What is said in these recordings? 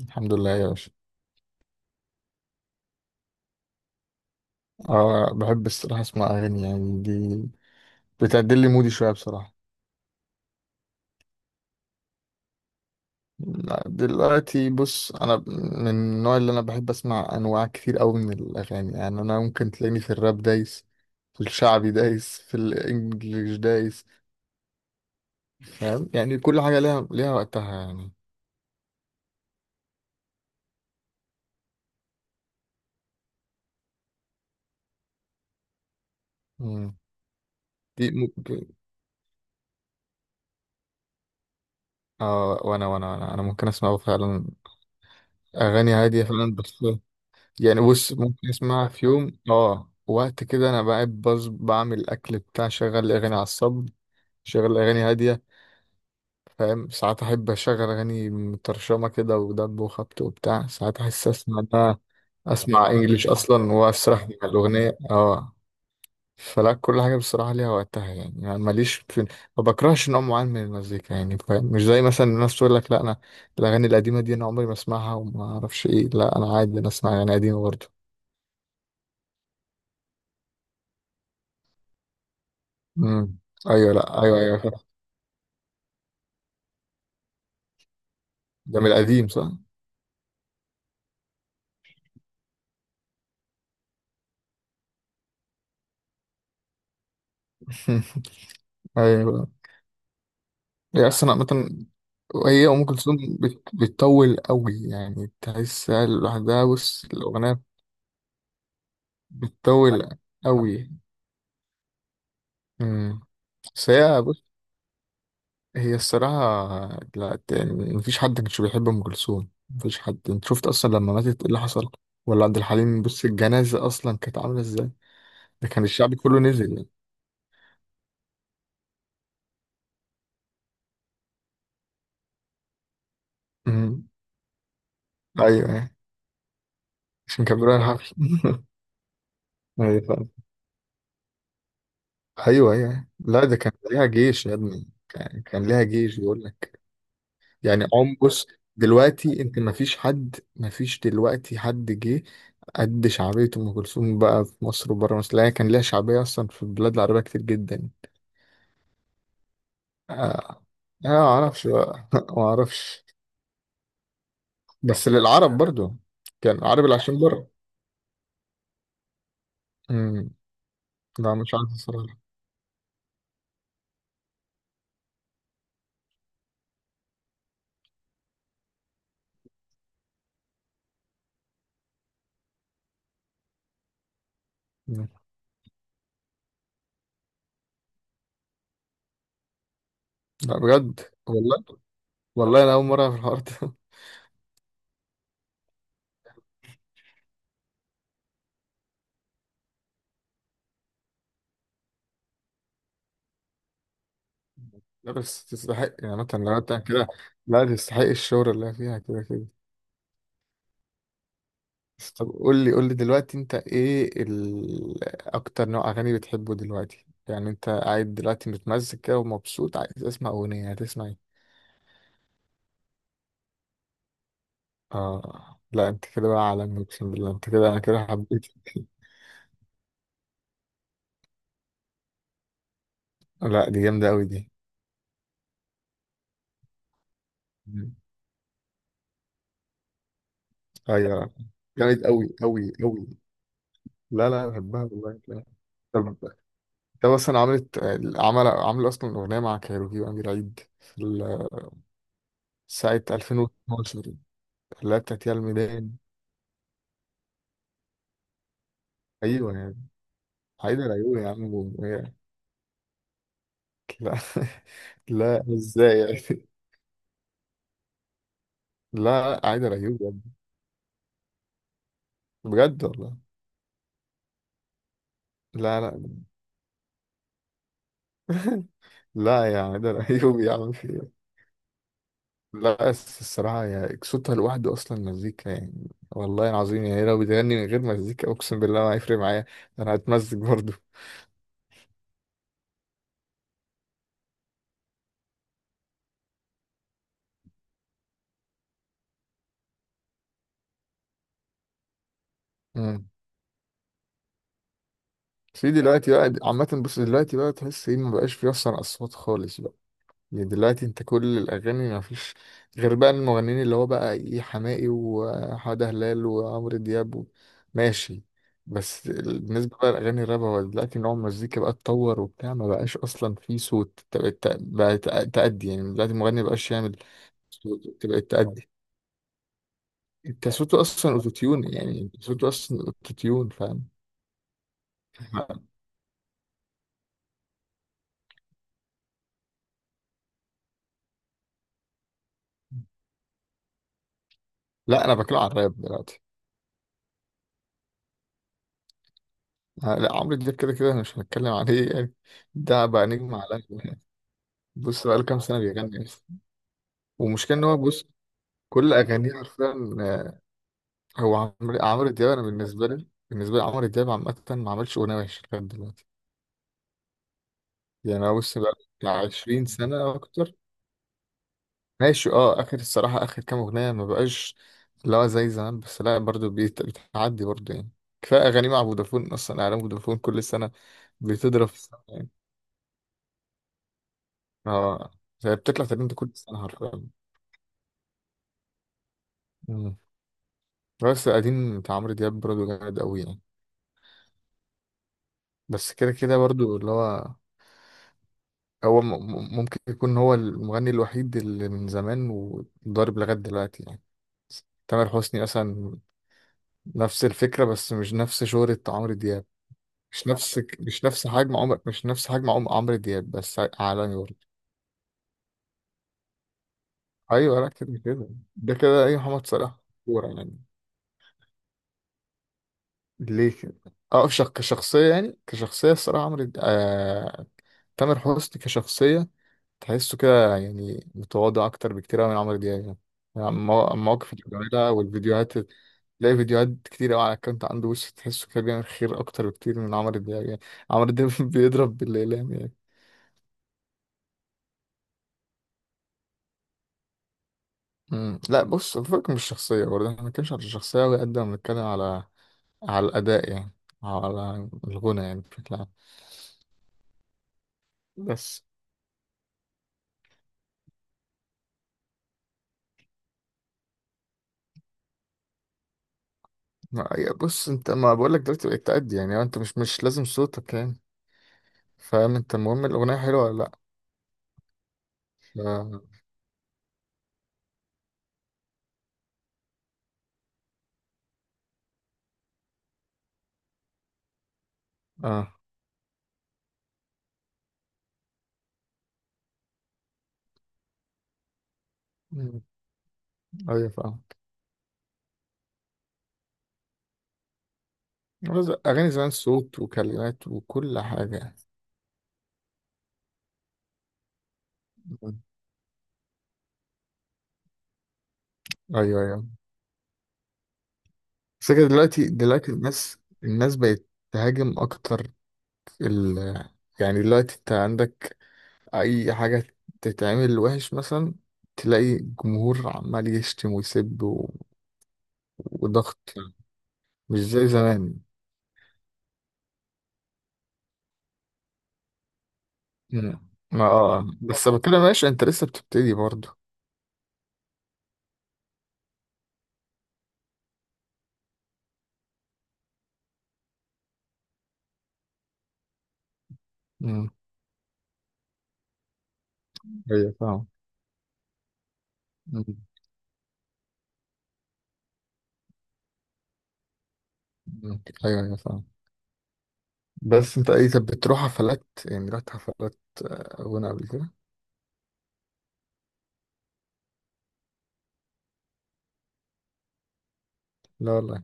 الحمد لله يا باشا. اه، بحب الصراحة اسمع اغاني، يعني دي بتعدل لي مودي شوية بصراحة. لا، دلوقتي بص، انا من النوع اللي بحب اسمع انواع كتير قوي من الاغاني، يعني انا ممكن تلاقيني في الراب دايس، في الشعبي دايس، في الانجليش دايس. فاهم، يعني كل حاجة ليها وقتها يعني. مم. دي ممكن. اه، وانا ممكن اسمع فعلا اغاني هادية فعلا. بس يعني بص، ممكن اسمعها في يوم، وقت كده انا بقى بص بعمل الاكل بتاع شغل اغاني على الصب، شغل اغاني هاديه. فاهم، ساعات احب اشغل اغاني مترشمه كده ودب وخبط وبتاع، ساعات احس اسمع ده، اسمع انجليش اصلا واسرح مع الاغنيه اه فلا كل حاجه بصراحه ليها وقتها، يعني ماليش في، ما بكرهش نوع معين من المزيكا. يعني فاهم، مش زي مثلا الناس تقول لك، لا انا الاغاني القديمه دي انا عمري ما اسمعها وما اعرفش ايه. لا انا عادي، انا اسمع اغاني قديمه برضه. امم. ايوه، لا، ايوه، ايوه، فاهم. ده من القديم صح؟ ايوه. هي اصلا مثلا، هي ام كلثوم بتطول قوي، يعني تحسها لوحدها بص الاغنيه، بتطول قوي. امم. بس هي بص، هي الصراحه، لا، مفيش حد كانش بيحب ام كلثوم، مفيش حد. انت شفت اصلا لما ماتت ايه اللي حصل؟ ولا عبد الحليم، بص الجنازه اصلا كانت عامله ازاي. ده كان الشعب كله نزل يعني. امم. ايوه يعني، عشان كان بيروح الحفل. ايوه، ايوه، ايوه، أيوه. لا، ده كان ليها جيش يا ابني، كان ليها جيش بيقول لك. يعني بص، دلوقتي انت ما فيش دلوقتي حد جه قد شعبية ام كلثوم بقى في مصر وبره مصر. لا هي كان ليها شعبية اصلا في البلاد العربية كتير جدا. آه. انا ما اعرفش بقى. ما اعرفش، بس للعرب برضو، كان العرب اللي عايشين بره. امم. لا مش عارف الصراحة. مم. لا بجد، والله والله، انا اول مرة في الحوار ده. لا بس تستحق، يعني مثلا لو انت كده، لا تستحق الشهرة اللي هي فيها كده كده. بس طب، قول لي دلوقتي، انت ايه ال... اكتر نوع اغاني بتحبه دلوقتي؟ يعني انت قاعد دلوقتي متمزج كده ومبسوط، عايز تسمع اغنية، هتسمع ايه؟ اه، لا، انت كده بقى عالمي، اقسم بالله، انت كده انا كده حبيت. لا دي جامدة قوي دي. مم. ايوه، جامد قوي قوي قوي. لا لا بحبها والله، لا. طب انت مثلا عملت عمل عامل اصلا اغنية مع كايروكي وامير عيد ساعة 2012؟ لا، بتاعت يا الميدان. أيوة يعني، عايدة الأيوبي يا عم، لا. لا إزاي يعني؟ لا لا، عايدة الأيوبي يا ابني. بجد والله. لا، لا. لا يا، عايدة الأيوبي يا عم في إيه؟ لا بس الصراحة، يا صوتها لوحده أصلا مزيكا يعني، والله العظيم، يعني لو بتغني من غير مزيكا أقسم بالله ما هيفرق معايا، أنا هتمزج برضه. مم. في دلوقتي بقى عامة، بص دلوقتي بقى تحس إيه، مبقاش في أصلا أصوات خالص. يعني دلوقتي انت كل الاغاني ما فيش غير بقى المغنيين اللي هو بقى ايه، حماقي وحمادة هلال وعمرو دياب و... ماشي. بس ال... بالنسبه بقى لاغاني الراب، هو دلوقتي نوع المزيكا بقى اتطور وبتاع، ما بقاش اصلا في صوت، انت بقت تق- بقى تق- تأدي يعني، دلوقتي المغني ما بقاش يعمل صوت، انت بقت تأدي، انت صوته اصلا اوتوتيون، يعني انت صوته اصلا اوتوتيون فاهم. لا انا بتكلم على الراب دلوقتي. لا عمرو دياب كده كده مش هنتكلم عليه يعني، ده بقى نجم عالمي، بص بقاله كام سنة بيغني أصلا. والمشكلة إن هو بص كل أغانيه حرفيا. آه، هو عمرو دياب، أنا بالنسبة لي، بالنسبة لي عمرو دياب عامة ما عملش أغنية وحشة لغاية دلوقتي. يعني أنا بص بقى بتاع 20 سنة أو أكتر. ماشي، أه آخر الصراحة آخر كام أغنية ما بقاش اللي هو زي زمان، بس لا برضه بتعدي برضه يعني. كفاية أغاني مع فودافون، أصلا إعلان فودافون كل سنة بتضرب في السما يعني. أه، هي بتطلع ترند كل سنة حرفيا. مم. بس قديم بتاع عمرو دياب برضه جامد أوي يعني. بس كده كده برضو اللي هو، هو م- ممكن يكون هو المغني الوحيد اللي من زمان وضارب لغاية دلوقتي يعني. تامر حسني مثلا، نفس الفكرة بس مش نفس شهرة عمرو دياب، مش نفس مش نفس حجم عمر مش نفس عمرو دياب، بس عالمي برضه. أيوة، لا كده كده ده كده، أي محمد صلاح، كورة يعني. ليه كده؟ أه، كشخصية يعني، كشخصية الصراحة تامر حسني كشخصية تحسه كده يعني متواضع أكتر بكتير أوي من عمرو دياب يعني. يعني المواقف اللي بيعملها والفيديوهات، تلاقي فيديوهات كتير أوي على الأكونت عنده، وش تحسه كده بيعمل خير أكتر بكتير من عمرو دياب يعني. عمرو دياب بيضرب بالإعلام يعني. مم. لا بص، الفرق مش الشخصية برضه، احنا بنتكلمش على الشخصية أوي قد ما بنتكلم على على الأداء يعني، على الغنى يعني بشكل عام. بس ما يا بص انت، ما بقولك دلوقتي بقيت تأدي يعني، انت مش مش لازم صوتك يعني، فاهم، انت المهم الأغنية حلوة ولا لأ. ف... اه ايوه فاهمك. بس اغاني زمان صوت وكلمات وكل حاجه. ايوه، ايوه. بس كده دلوقتي، دلوقتي الناس، الناس بقت تهاجم اكتر ال... يعني دلوقتي انت عندك اي حاجه تتعمل وحش مثلا، تلاقي جمهور عمال يشتم ويسب و... وضغط، مش زي زمان. مم. ما اه، بس بتكلم ماشي، انت لسه بتبتدي برضه. مم. ايوه فاهم. مم. مم. ايوه ايوه فاهم. بس انت ايه، طب بتروح حفلات يعني، رحت حفلات؟ آه، غنى قبل كده. لا والله،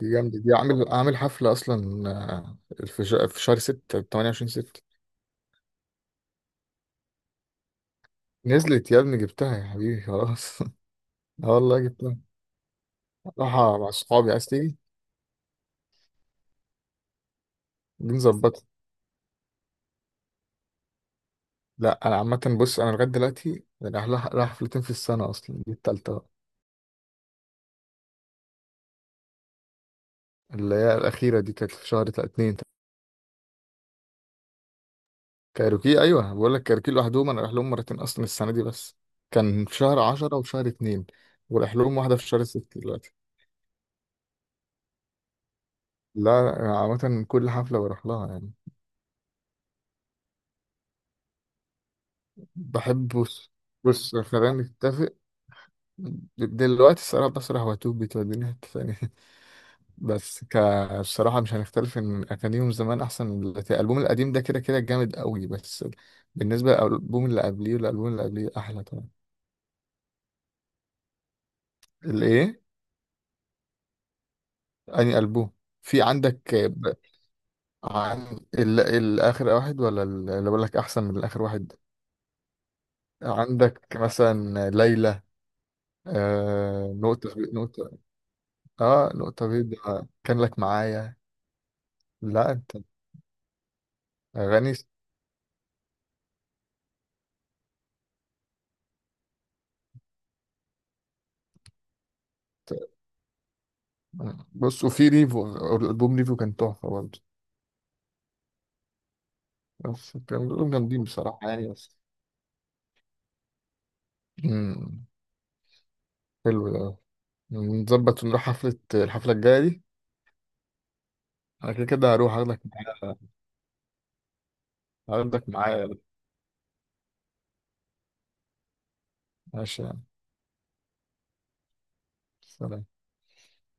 دي جامدة دي. عامل عامل حفلة أصلا آه، في في شهر 6 28 6. نزلت يا ابني، جبتها يا حبيبي خلاص. اه والله جبتها. رايحة مع صحابي، عايز تيجي؟ دي نظبطها. لا أنا عامة بص، أنا لغاية دلوقتي يعني رايح حفلتين في السنة أصلا، دي التالتة بقى. اللي هي الأخيرة دي كانت في شهر اتنين. كايروكي ايوه، بقول لك كايروكي لوحدهم انا رايح لهم مرتين اصلا السنه دي بس، كان في شهر 10 وفي شهر 2، ورايح لهم واحده في شهر 6 دلوقتي. لا، عامه كل حفله بروح لها يعني. بحب بص خلينا نتفق، دلوقتي الصراحه بسرح، واتوب بتوديني حته ثانيه. بس ك بصراحه مش هنختلف ان اغانيهم زمان احسن من دلوقتي، الالبوم القديم ده كده كده جامد قوي، بس بالنسبه للالبوم اللي قبليه والالبوم اللي قبليه احلى طبعا. الايه؟ اني البوم في عندك؟ عن الآخر واحد ولا اللي بقول لك أحسن من الآخر واحد؟ عندك مثلا ليلى، نقطة، اه نقطة بيضاء كان لك معايا. لا انت، أغاني بص، وفي ريفو الألبوم، ريفو كان تحفة برضه. بس كان كلهم جامدين بصراحة يعني، بس. مم. حلو ده، نظبط ونروح حفلة، الحفلة الجاية دي، أنا كده كده هروح، هاخدك معايا. هاخدك معايا، ماشي يعني. سلام.